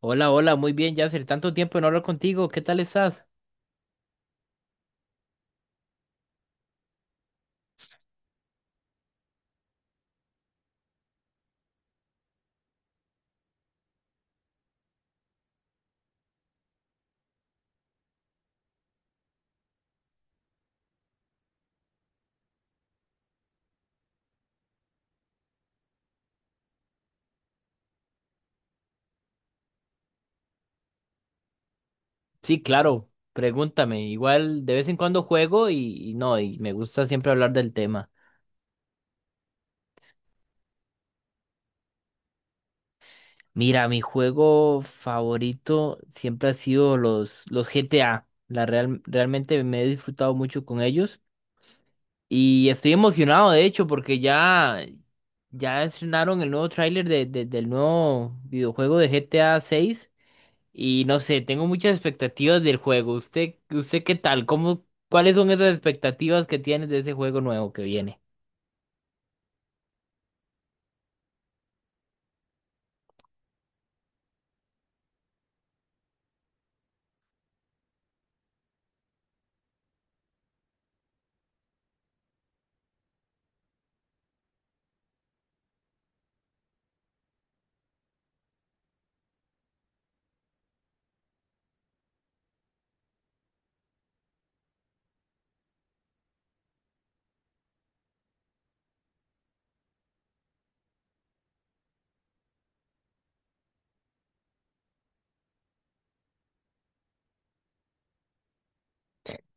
Hola, hola, muy bien, Yasser. Tanto tiempo de no hablar contigo. ¿Qué tal estás? Sí, claro, pregúntame. Igual de vez en cuando juego y no, y me gusta siempre hablar del tema. Mira, mi juego favorito siempre ha sido los GTA. Realmente me he disfrutado mucho con ellos. Y estoy emocionado, de hecho, porque ya estrenaron el nuevo tráiler del nuevo videojuego de GTA 6. Y no sé, tengo muchas expectativas del juego. ¿Usted qué tal? Cuáles son esas expectativas que tienes de ese juego nuevo que viene?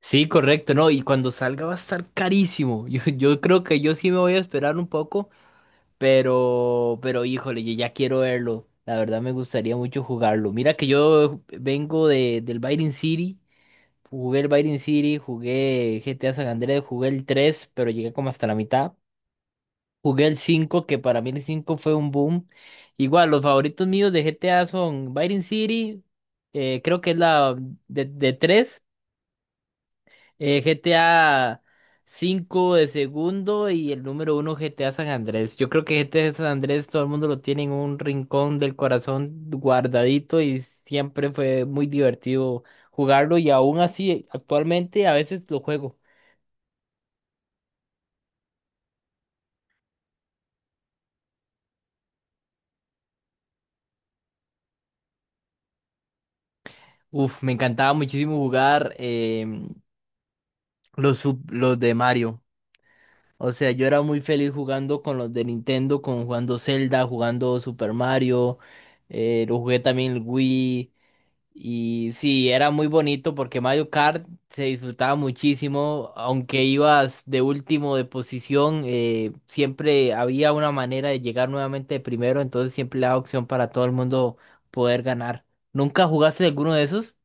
Sí, correcto, no, y cuando salga va a estar carísimo. Yo creo que yo sí me voy a esperar un poco, pero híjole, yo ya quiero verlo. La verdad me gustaría mucho jugarlo. Mira que yo vengo del Viking City, jugué el Viking City, jugué GTA San Andreas, jugué el 3 pero llegué como hasta la mitad. Jugué el 5 que para mí el 5 fue un boom. Igual, los favoritos míos de GTA son Vice City, creo que es la de tres, GTA 5 de segundo y el número 1 GTA San Andrés. Yo creo que GTA San Andrés todo el mundo lo tiene en un rincón del corazón guardadito y siempre fue muy divertido jugarlo y aún así actualmente a veces lo juego. Uf, me encantaba muchísimo jugar los de Mario. O sea, yo era muy feliz jugando con los de Nintendo, con jugando Zelda, jugando Super Mario, lo jugué también el Wii. Y sí, era muy bonito porque Mario Kart se disfrutaba muchísimo, aunque ibas de último de posición, siempre había una manera de llegar nuevamente de primero, entonces siempre le daba opción para todo el mundo poder ganar. ¿Nunca jugaste alguno de esos?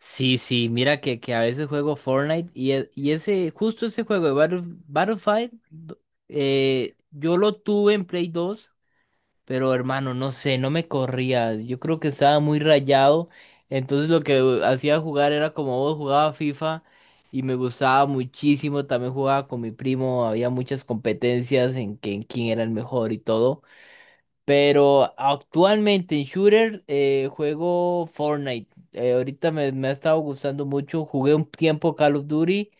Sí, sí, mira que a veces juego Fortnite y y ese, justo ese juego de Battlefield, yo lo tuve en Play 2 pero hermano, no sé, no me corría. Yo creo que estaba muy rayado. Entonces lo que hacía jugar era como vos jugaba FIFA y me gustaba muchísimo. También jugaba con mi primo, había muchas competencias en quién era el mejor y todo. Pero actualmente en Shooter, juego Fortnite. Ahorita me ha estado gustando mucho. Jugué un tiempo Call of Duty,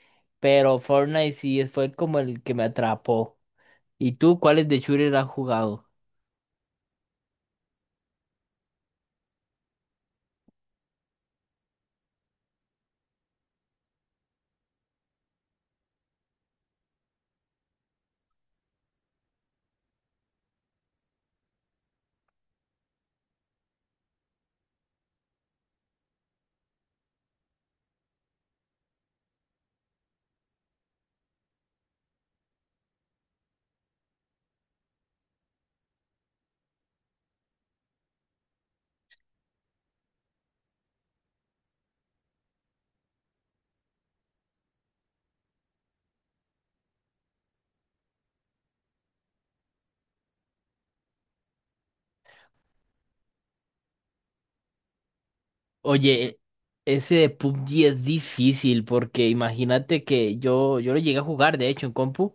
pero Fortnite sí fue como el que me atrapó. ¿Y tú cuáles de Shooter has jugado? Oye, ese de PUBG es difícil porque imagínate que yo lo llegué a jugar, de hecho, en compu.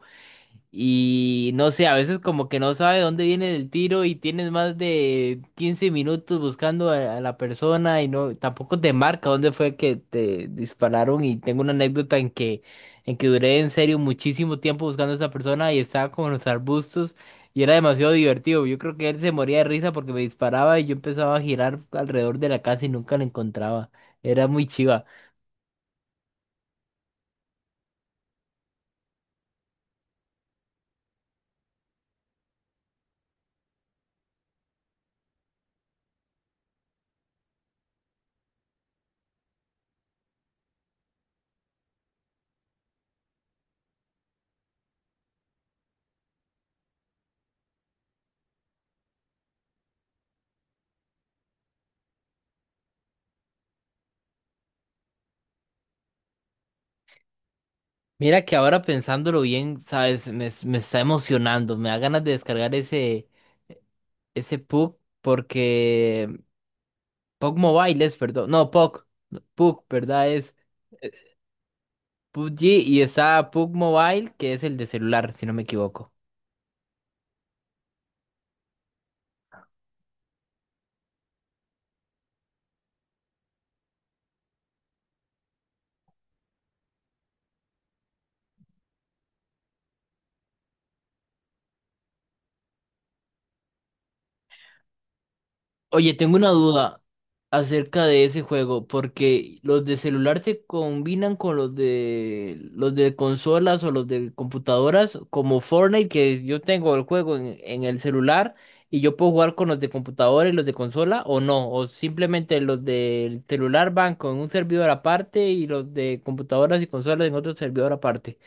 Y no sé, a veces como que no sabe dónde viene el tiro y tienes más de 15 minutos buscando a la persona y no, tampoco te marca dónde fue que te dispararon. Y tengo una anécdota en que duré en serio muchísimo tiempo buscando a esa persona y estaba como en los arbustos y era demasiado divertido. Yo creo que él se moría de risa porque me disparaba y yo empezaba a girar alrededor de la casa y nunca la encontraba. Era muy chiva. Mira que ahora pensándolo bien, sabes, me está emocionando, me da ganas de descargar ese PUC porque PUC Mobile es, perdón, no, PUC, ¿verdad? Es eh, PUBG y está PUC Mobile que es el de celular, si no me equivoco. Oye, tengo una duda acerca de ese juego, porque los de celular se combinan con los de consolas o los de computadoras, como Fortnite, que yo tengo el juego en el celular y yo puedo jugar con los de computadora y los de consola, o no, o simplemente los del celular van con un servidor aparte y los de computadoras y consolas en otro servidor aparte.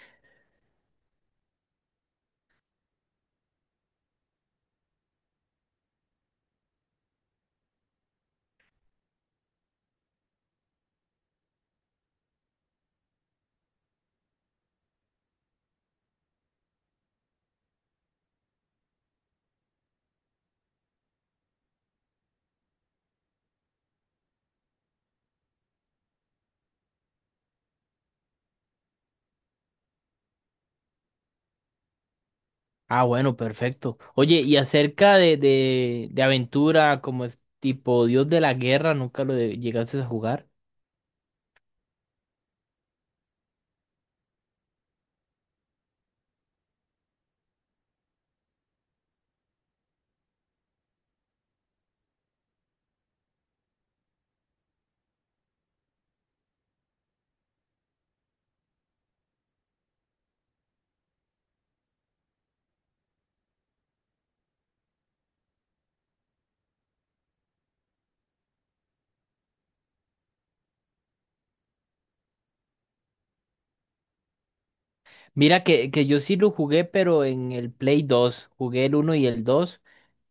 Ah, bueno, perfecto. Oye, y acerca de aventura, como es tipo Dios de la Guerra, nunca llegaste a jugar. Mira que yo sí lo jugué, pero en el Play 2. Jugué el uno y el 2,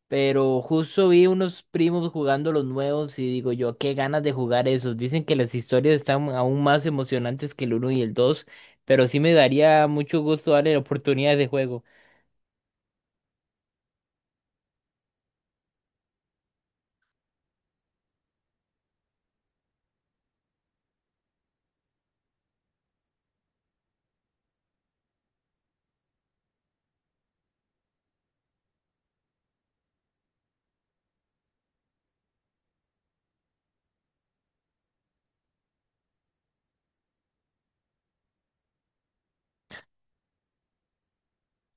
pero justo vi unos primos jugando los nuevos y digo yo, qué ganas de jugar esos. Dicen que las historias están aún más emocionantes que el uno y el 2, pero sí me daría mucho gusto darle la oportunidad de juego.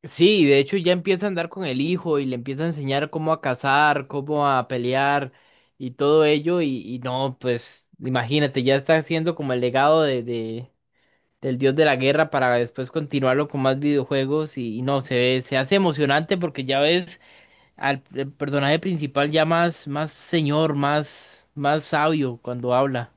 Sí, de hecho ya empieza a andar con el hijo y le empieza a enseñar cómo a cazar, cómo a pelear y todo ello. Y no, pues imagínate, ya está haciendo como el legado del dios de la guerra para después continuarlo con más videojuegos. Y no, se ve, se hace emocionante porque ya ves al el personaje principal ya más, más señor, más sabio cuando habla.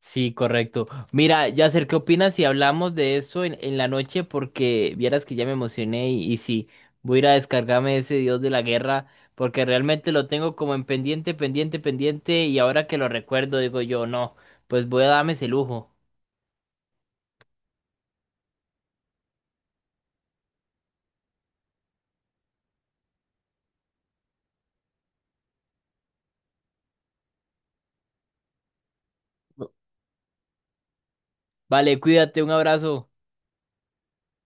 Sí, correcto. Mira, Yasser, ¿qué opinas si hablamos de eso en la noche? Porque vieras que ya me emocioné y sí, voy a ir a descargarme ese Dios de la Guerra, porque realmente lo tengo como en pendiente, pendiente, pendiente, y ahora que lo recuerdo digo yo, no, pues voy a darme ese lujo. Vale, cuídate, un abrazo.